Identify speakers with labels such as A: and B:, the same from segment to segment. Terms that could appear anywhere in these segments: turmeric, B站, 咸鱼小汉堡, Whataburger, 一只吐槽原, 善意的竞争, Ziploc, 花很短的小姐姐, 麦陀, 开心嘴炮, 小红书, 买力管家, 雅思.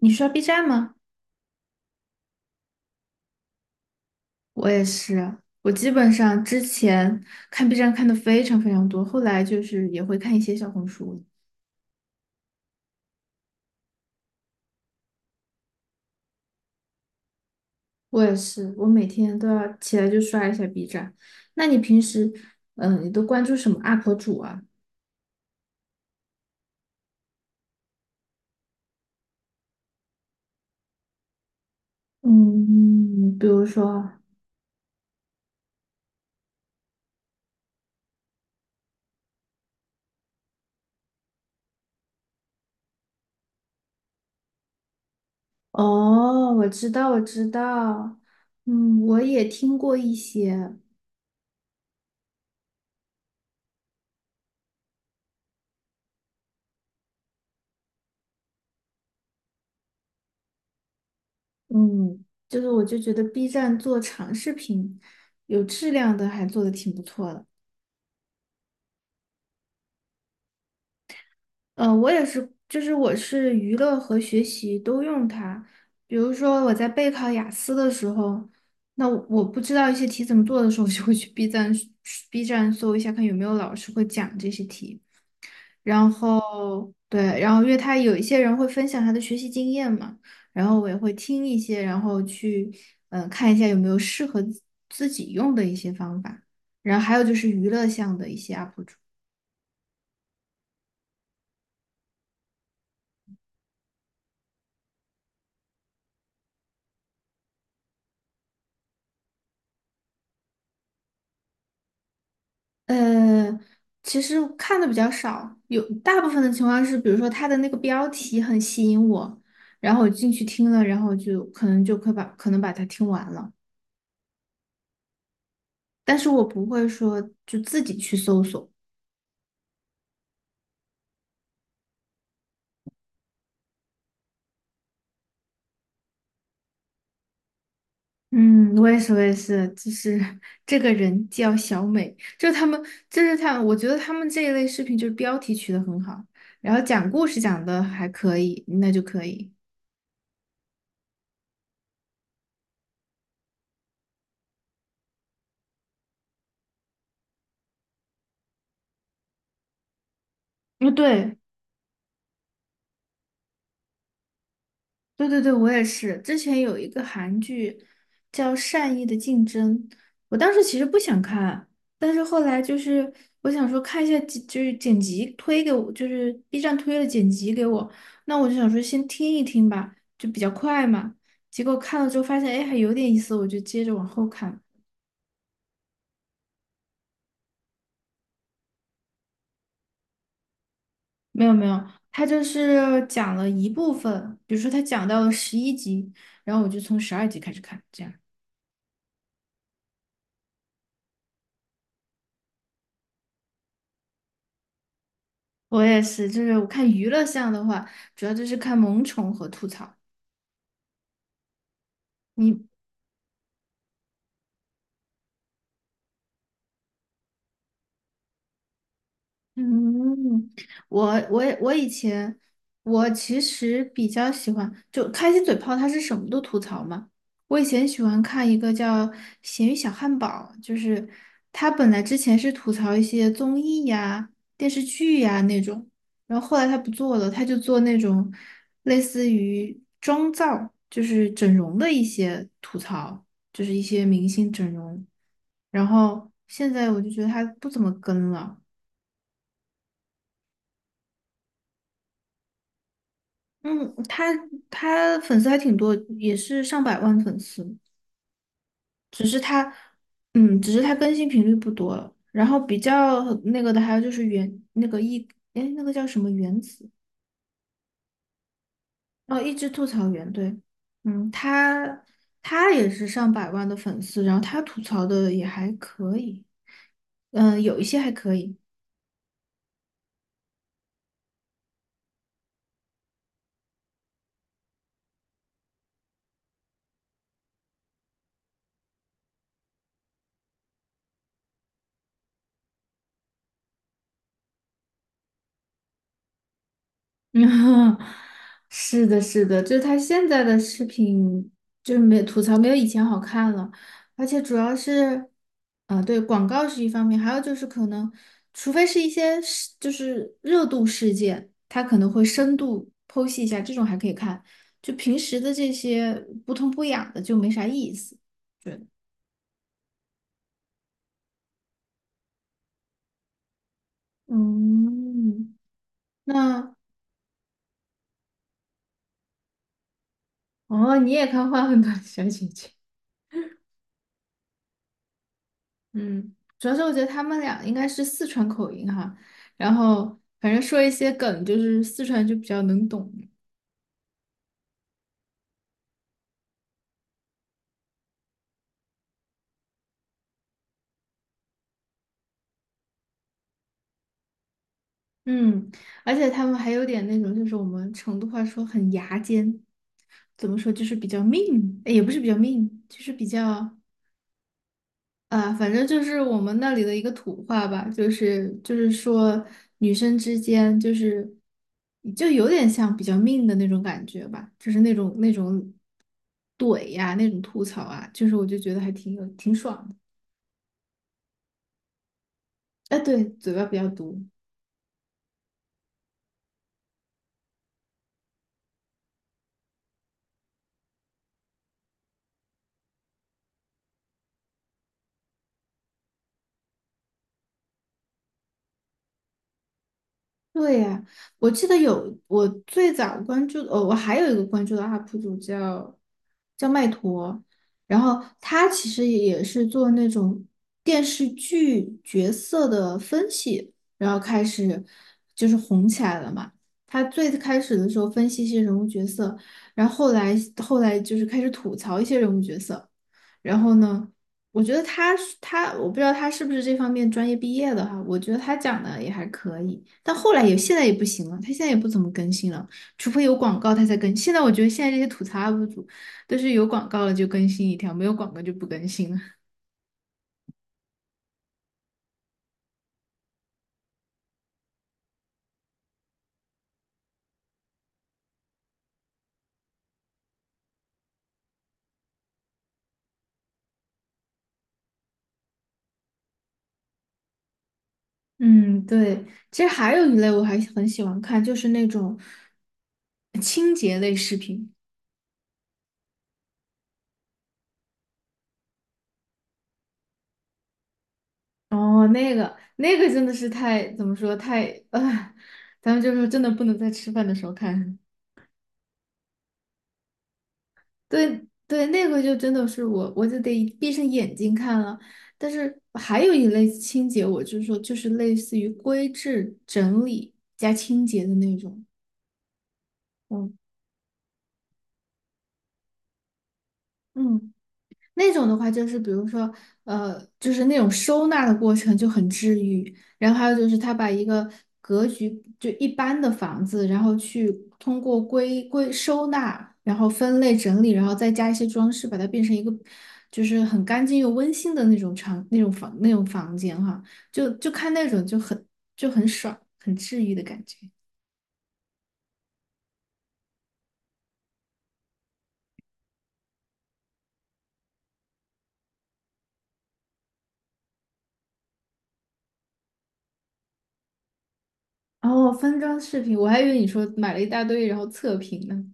A: 你刷 B 站吗？我也是，我基本上之前看 B 站看的非常非常多，后来就是也会看一些小红书。我也是，我每天都要起来就刷一下 B 站。那你平时，你都关注什么 UP 主啊？嗯，比如说，哦，我知道，我知道，嗯，我也听过一些，嗯，就是我就觉得 B 站做长视频，有质量的还做的挺不错的。我也是，就是我是娱乐和学习都用它。比如说我在备考雅思的时候，那我不知道一些题怎么做的时候，我就会去 B 站 搜一下，看有没有老师会讲这些题。然后对，然后因为他有一些人会分享他的学习经验嘛，然后我也会听一些，然后去看一下有没有适合自己用的一些方法。然后还有就是娱乐项的一些 UP主。呃，其实看的比较少，有大部分的情况是，比如说他的那个标题很吸引我，然后我进去听了，然后我就可能就可以把可能把它听完了，但是我不会说就自己去搜索。嗯，我也是，我也是，就是这个人叫小美，就是他们我觉得他们这一类视频就是标题取得很好，然后讲故事讲的还可以，那就可以。嗯，对，对对对，我也是。之前有一个韩剧叫《善意的竞争》，我当时其实不想看，但是后来就是我想说看一下剪就是剪辑推给我，就是 B 站推了剪辑给我，那我就想说先听一听吧，就比较快嘛。结果看了之后发现，哎，还有点意思，我就接着往后看。没有没有，他就是讲了一部分，比如说他讲到了11集，然后我就从12集开始看，这样。我也是，就是我看娱乐项的话，主要就是看萌宠和吐槽。你嗯，我以前我其实比较喜欢，就开心嘴炮，他是什么都吐槽嘛。我以前喜欢看一个叫《咸鱼小汉堡》，就是他本来之前是吐槽一些综艺呀、电视剧呀那种，然后后来他不做了，他就做那种类似于妆造，就是整容的一些吐槽，就是一些明星整容。然后现在我就觉得他不怎么跟了。嗯，他粉丝还挺多，也是上百万粉丝，只是他，只是他更新频率不多了。然后比较那个的还有就是原那个一，哎，那个叫什么原子？哦，一只吐槽原对，嗯，他也是上百万的粉丝，然后他吐槽的也还可以，有一些还可以。嗯，是的，是的，就是他现在的视频就是没吐槽没有以前好看了，而且主要是，啊、对，广告是一方面，还有就是可能，除非是一些事就是热度事件，他可能会深度剖析一下，这种还可以看，就平时的这些不痛不痒的就没啥意思，对，嗯，那哦，你也看《花很短的小姐姐》？嗯，主要是我觉得他们俩应该是四川口音哈，然后反正说一些梗，就是四川就比较能懂。嗯，而且他们还有点那种，就是我们成都话说很牙尖，怎么说就是比较命，哎也不是比较命，就是比较。啊，反正就是我们那里的一个土话吧，就是说女生之间就是就有点像比较命的那种感觉吧，就是那种怼呀、那种吐槽啊，就是我就觉得还挺爽的。哎，对，嘴巴比较毒。对呀，我记得有我最早关注，哦，我还有一个关注的 UP 主叫麦陀，然后他其实也是做那种电视剧角色的分析，然后开始就是红起来了嘛。他最开始的时候分析一些人物角色，然后后来就是开始吐槽一些人物角色，然后呢？我觉得他是他，我不知道他是不是这方面专业毕业的哈。我觉得他讲的也还可以，但后来也现在也不行了，他现在也不怎么更新了，除非有广告他才更新。现在我觉得现在这些吐槽 UP 主都是有广告了就更新一条，没有广告就不更新了。嗯，对。其实还有一类我还很喜欢看，就是那种清洁类视频。哦，那个真的是太怎么说太啊，咱们就是真的不能在吃饭的时候看。对对，那个就真的是我就得闭上眼睛看了。但是还有一类清洁，我就是说，就是类似于规制、整理加清洁的那种。嗯嗯，那种的话，就是比如说，就是那种收纳的过程就很治愈。然后还有就是，他把一个格局就一般的房子，然后去通过归收纳，然后分类整理，然后再加一些装饰，把它变成一个就是很干净又温馨的那种房间哈。就看那种就很爽，很治愈的感觉。哦，分装视频，我还以为你说买了一大堆然后测评呢。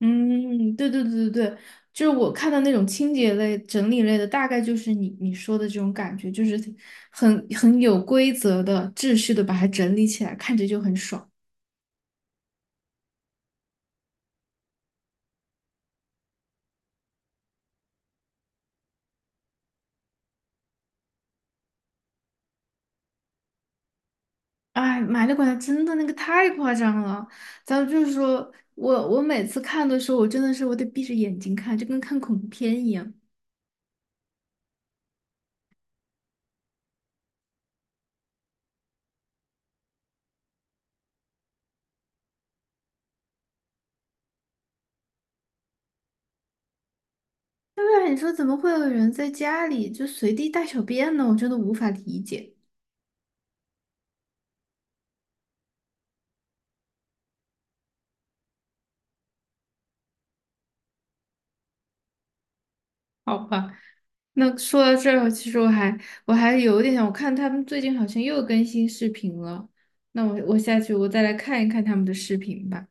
A: 嗯，对对对对对，就是我看到那种清洁类、整理类的，大概就是你说的这种感觉，就是很有规则的、秩序的把它整理起来，看着就很爽。哎，买力管家真的那个太夸张了，咱们就是说我每次看的时候，我真的是我得闭着眼睛看，就跟看恐怖片一样。对不然你说怎么会有人在家里就随地大小便呢？我真的无法理解。好吧。那说到这儿，其实我还有点想，我看他们最近好像又更新视频了。那我下去我再来看一看他们的视频吧。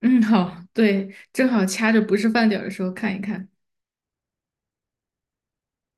A: 嗯，好，对，正好掐着不是饭点儿的时候看一看。